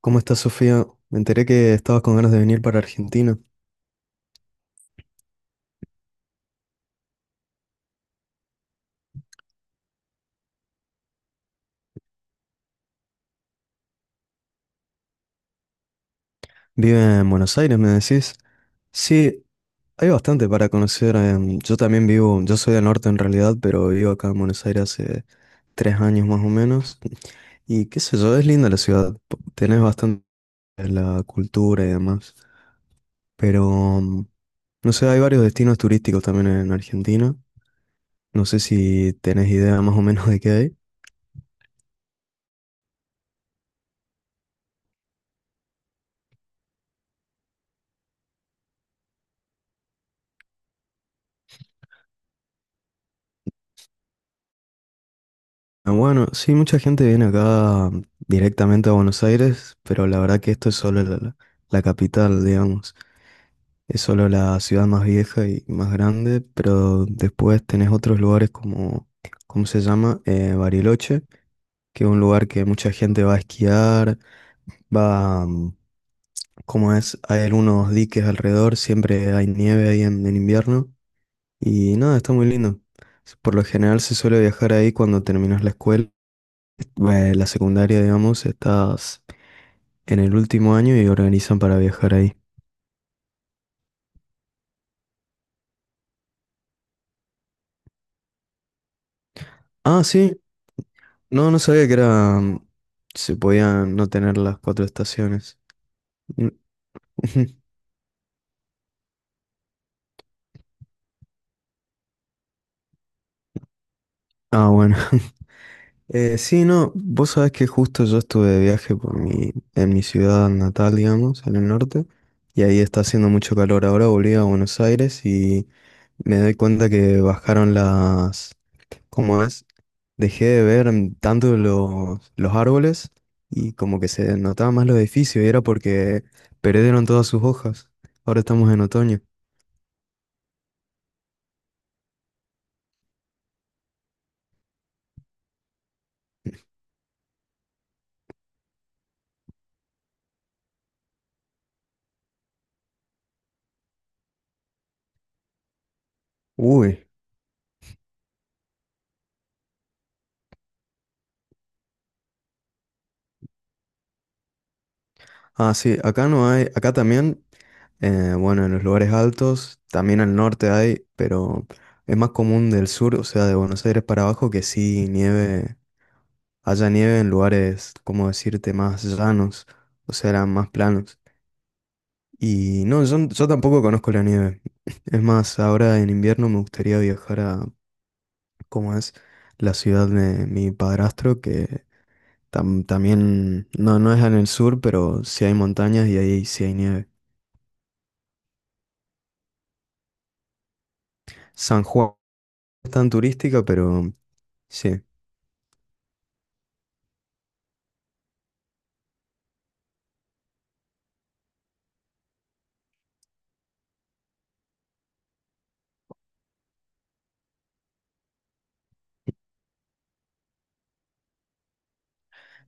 ¿Cómo estás, Sofía? Me enteré que estabas con ganas de venir para Argentina. Vive en Buenos Aires, me decís. Sí, hay bastante para conocer. Yo también vivo, yo soy del norte en realidad, pero vivo acá en Buenos Aires hace 3 años más o menos. Y qué sé yo, es linda la ciudad. Tenés bastante de la cultura y demás. Pero, mm, no sé, hay varios destinos turísticos también en Argentina. No sé si tenés idea más o menos de qué hay. Ah, bueno, sí, mucha gente viene acá directamente a Buenos Aires, pero la verdad que esto es solo la capital, digamos. Es solo la ciudad más vieja y más grande, pero después tenés otros lugares como, ¿cómo se llama? Bariloche, que es un lugar que mucha gente va a esquiar, va, como es, hay algunos diques alrededor, siempre hay nieve ahí en invierno, y nada, está muy lindo. Por lo general se suele viajar ahí cuando terminas la escuela la secundaria, digamos, estás en el último año y organizan para viajar ahí. Ah, sí, no, no sabía que era se podían no tener las cuatro estaciones. Mm, ujú. Ah, bueno. Sí, no, vos sabés que justo yo estuve de viaje en mi ciudad natal, digamos, en el norte, y ahí está haciendo mucho calor. Ahora volví a Buenos Aires y me doy cuenta que bajaron las, como es, dejé de ver tanto los árboles y como que se notaba más los edificios y era porque perdieron todas sus hojas. Ahora estamos en otoño. Uy, ah, sí, acá no hay, acá también, bueno, en los lugares altos, también al norte hay, pero es más común del sur, o sea, de Buenos Aires para abajo, que sí nieve, haya nieve en lugares, como decirte, más llanos, o sea, eran más planos. Y no, yo tampoco conozco la nieve. Es más, ahora en invierno me gustaría viajar a, ¿cómo es? La ciudad de mi padrastro, que también, no es en el sur, pero sí hay montañas y ahí sí hay nieve. San Juan es tan turística, pero sí.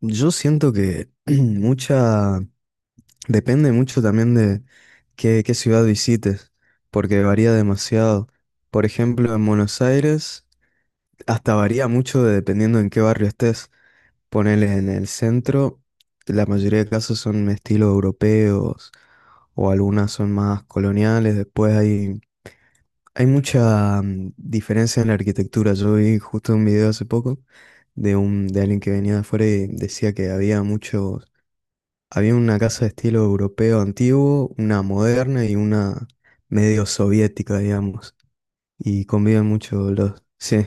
Yo siento que mucha, depende mucho también de qué ciudad visites, porque varía demasiado. Por ejemplo, en Buenos Aires, hasta varía mucho dependiendo en qué barrio estés. Ponele en el centro, la mayoría de casos son estilo europeos o algunas son más coloniales. Después hay mucha diferencia en la arquitectura. Yo vi justo un video hace poco de alguien que venía de afuera y decía que había muchos, había una casa de estilo europeo antiguo, una moderna y una medio soviética, digamos. Y conviven mucho los, sí,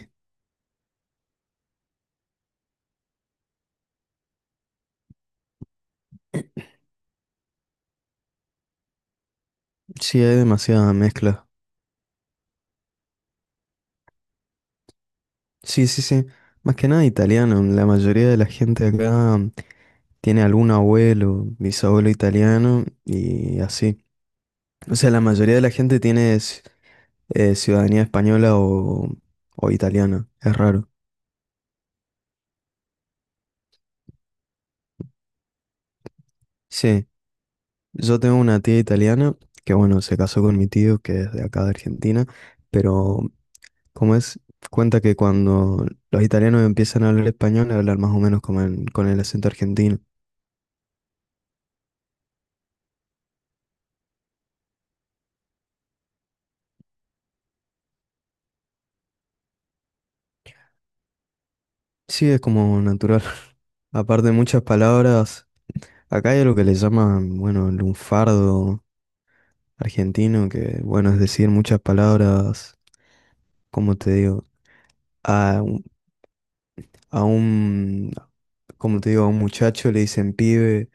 sí, hay demasiada mezcla. Sí, sí, sí. Más que nada italiano. La mayoría de la gente acá tiene algún abuelo, bisabuelo italiano y así. O sea, la mayoría de la gente tiene ciudadanía española o italiana. Es raro. Sí, yo tengo una tía italiana que, bueno, se casó con mi tío, que es de acá de Argentina, pero como es, cuenta que cuando los italianos empiezan a hablar español, hablan más o menos como con el acento argentino. Sí, es como natural. Aparte de muchas palabras, acá hay algo que le llaman, bueno, el lunfardo argentino, que bueno, es decir, muchas palabras, como te digo? A, un, a un- como te digo? A un muchacho le dicen pibe,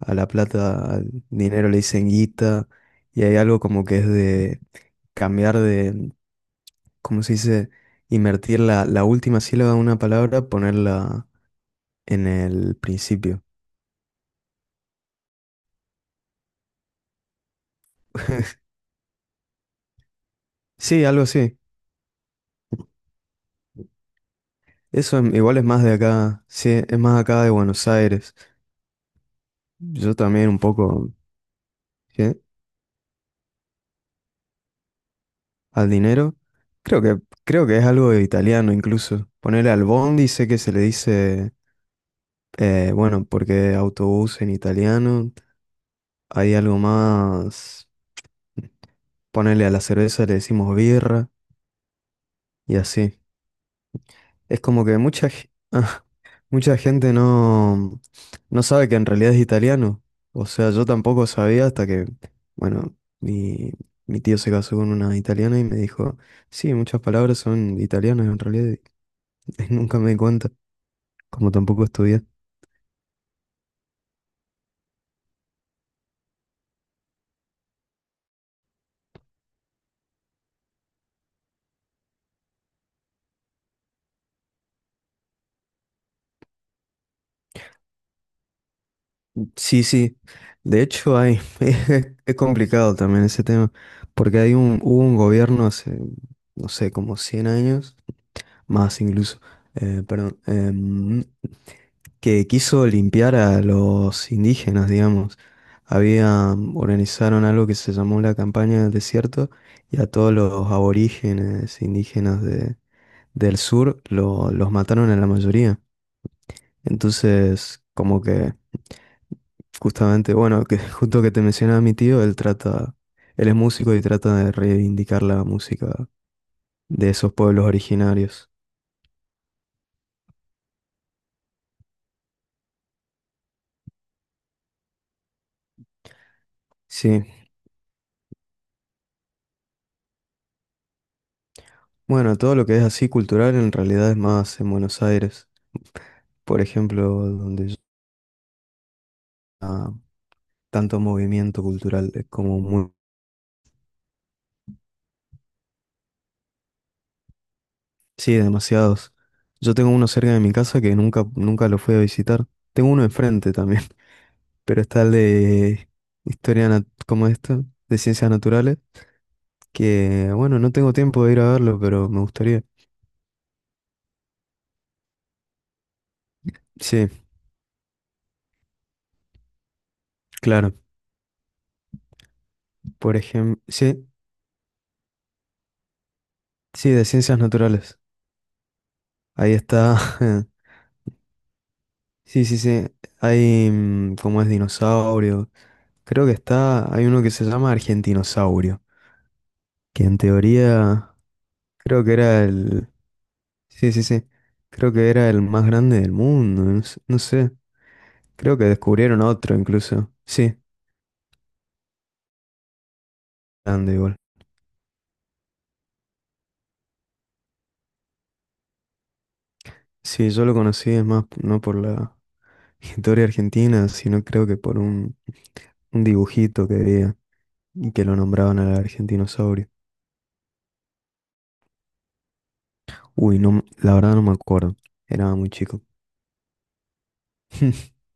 a la plata, al dinero le dicen guita, y hay algo como que es de cambiar de, ¿cómo se dice? Invertir la última sílaba de una palabra, ponerla en el principio. Sí, algo así. Eso igual es más de acá, sí, es más acá de Buenos Aires. Yo también un poco, ¿sí? Al dinero. Creo que, creo que es algo de italiano incluso. Ponerle al bondi, sé que se le dice, bueno, porque autobús en italiano. Hay algo más, ponerle a la cerveza le decimos birra y así. Es como que mucha, mucha gente no sabe que en realidad es italiano. O sea, yo tampoco sabía hasta que, bueno, mi tío se casó con una italiana y me dijo, sí, muchas palabras son italianas en realidad. Y nunca me di cuenta, como tampoco estudié. Sí, sí. De hecho, hay, es complicado también ese tema, porque hay un, hubo un gobierno hace, no sé, como 100 años, más incluso, perdón, que quiso limpiar a los indígenas, digamos. Había, organizaron algo que se llamó la campaña del desierto y a todos los aborígenes indígenas del sur los mataron a la mayoría. Entonces, como que justamente, bueno, que justo que te mencionaba mi tío, él trata, él es músico y trata de reivindicar la música de esos pueblos originarios. Sí, bueno, todo lo que es así cultural en realidad es más en Buenos Aires. Por ejemplo, donde ah, tanto movimiento cultural, es como muy... Sí, demasiados. Yo tengo uno cerca de mi casa que nunca, nunca lo fui a visitar. Tengo uno enfrente también, pero está el de historia como esto, de ciencias naturales, que bueno, no tengo tiempo de ir a verlo, pero me gustaría. Sí, claro. Por ejemplo, sí, sí, de ciencias naturales. Ahí está. Sí, sí, sí. Hay como es, dinosaurio. Creo que está, hay uno que se llama Argentinosaurio, que en teoría creo que era el... Sí, sí, sí. Creo que era el más grande del mundo. No, no sé. Creo que descubrieron otro incluso. Sí, grande igual. Sí, yo lo conocí, es más, no por la historia argentina, sino creo que por un dibujito que veía y que lo nombraban al argentinosaurio. Uy, no, la verdad no me acuerdo. Era muy chico.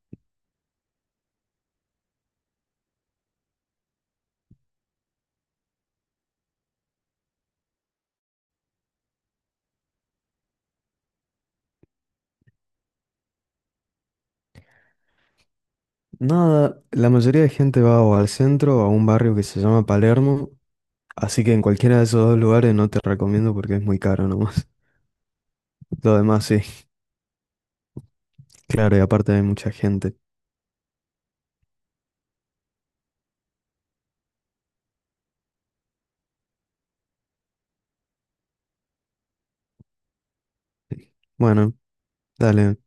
Nada, la mayoría de gente va o al centro o a un barrio que se llama Palermo. Así que en cualquiera de esos dos lugares no te recomiendo porque es muy caro nomás. Lo demás sí, claro, y aparte hay mucha gente. Bueno, dale,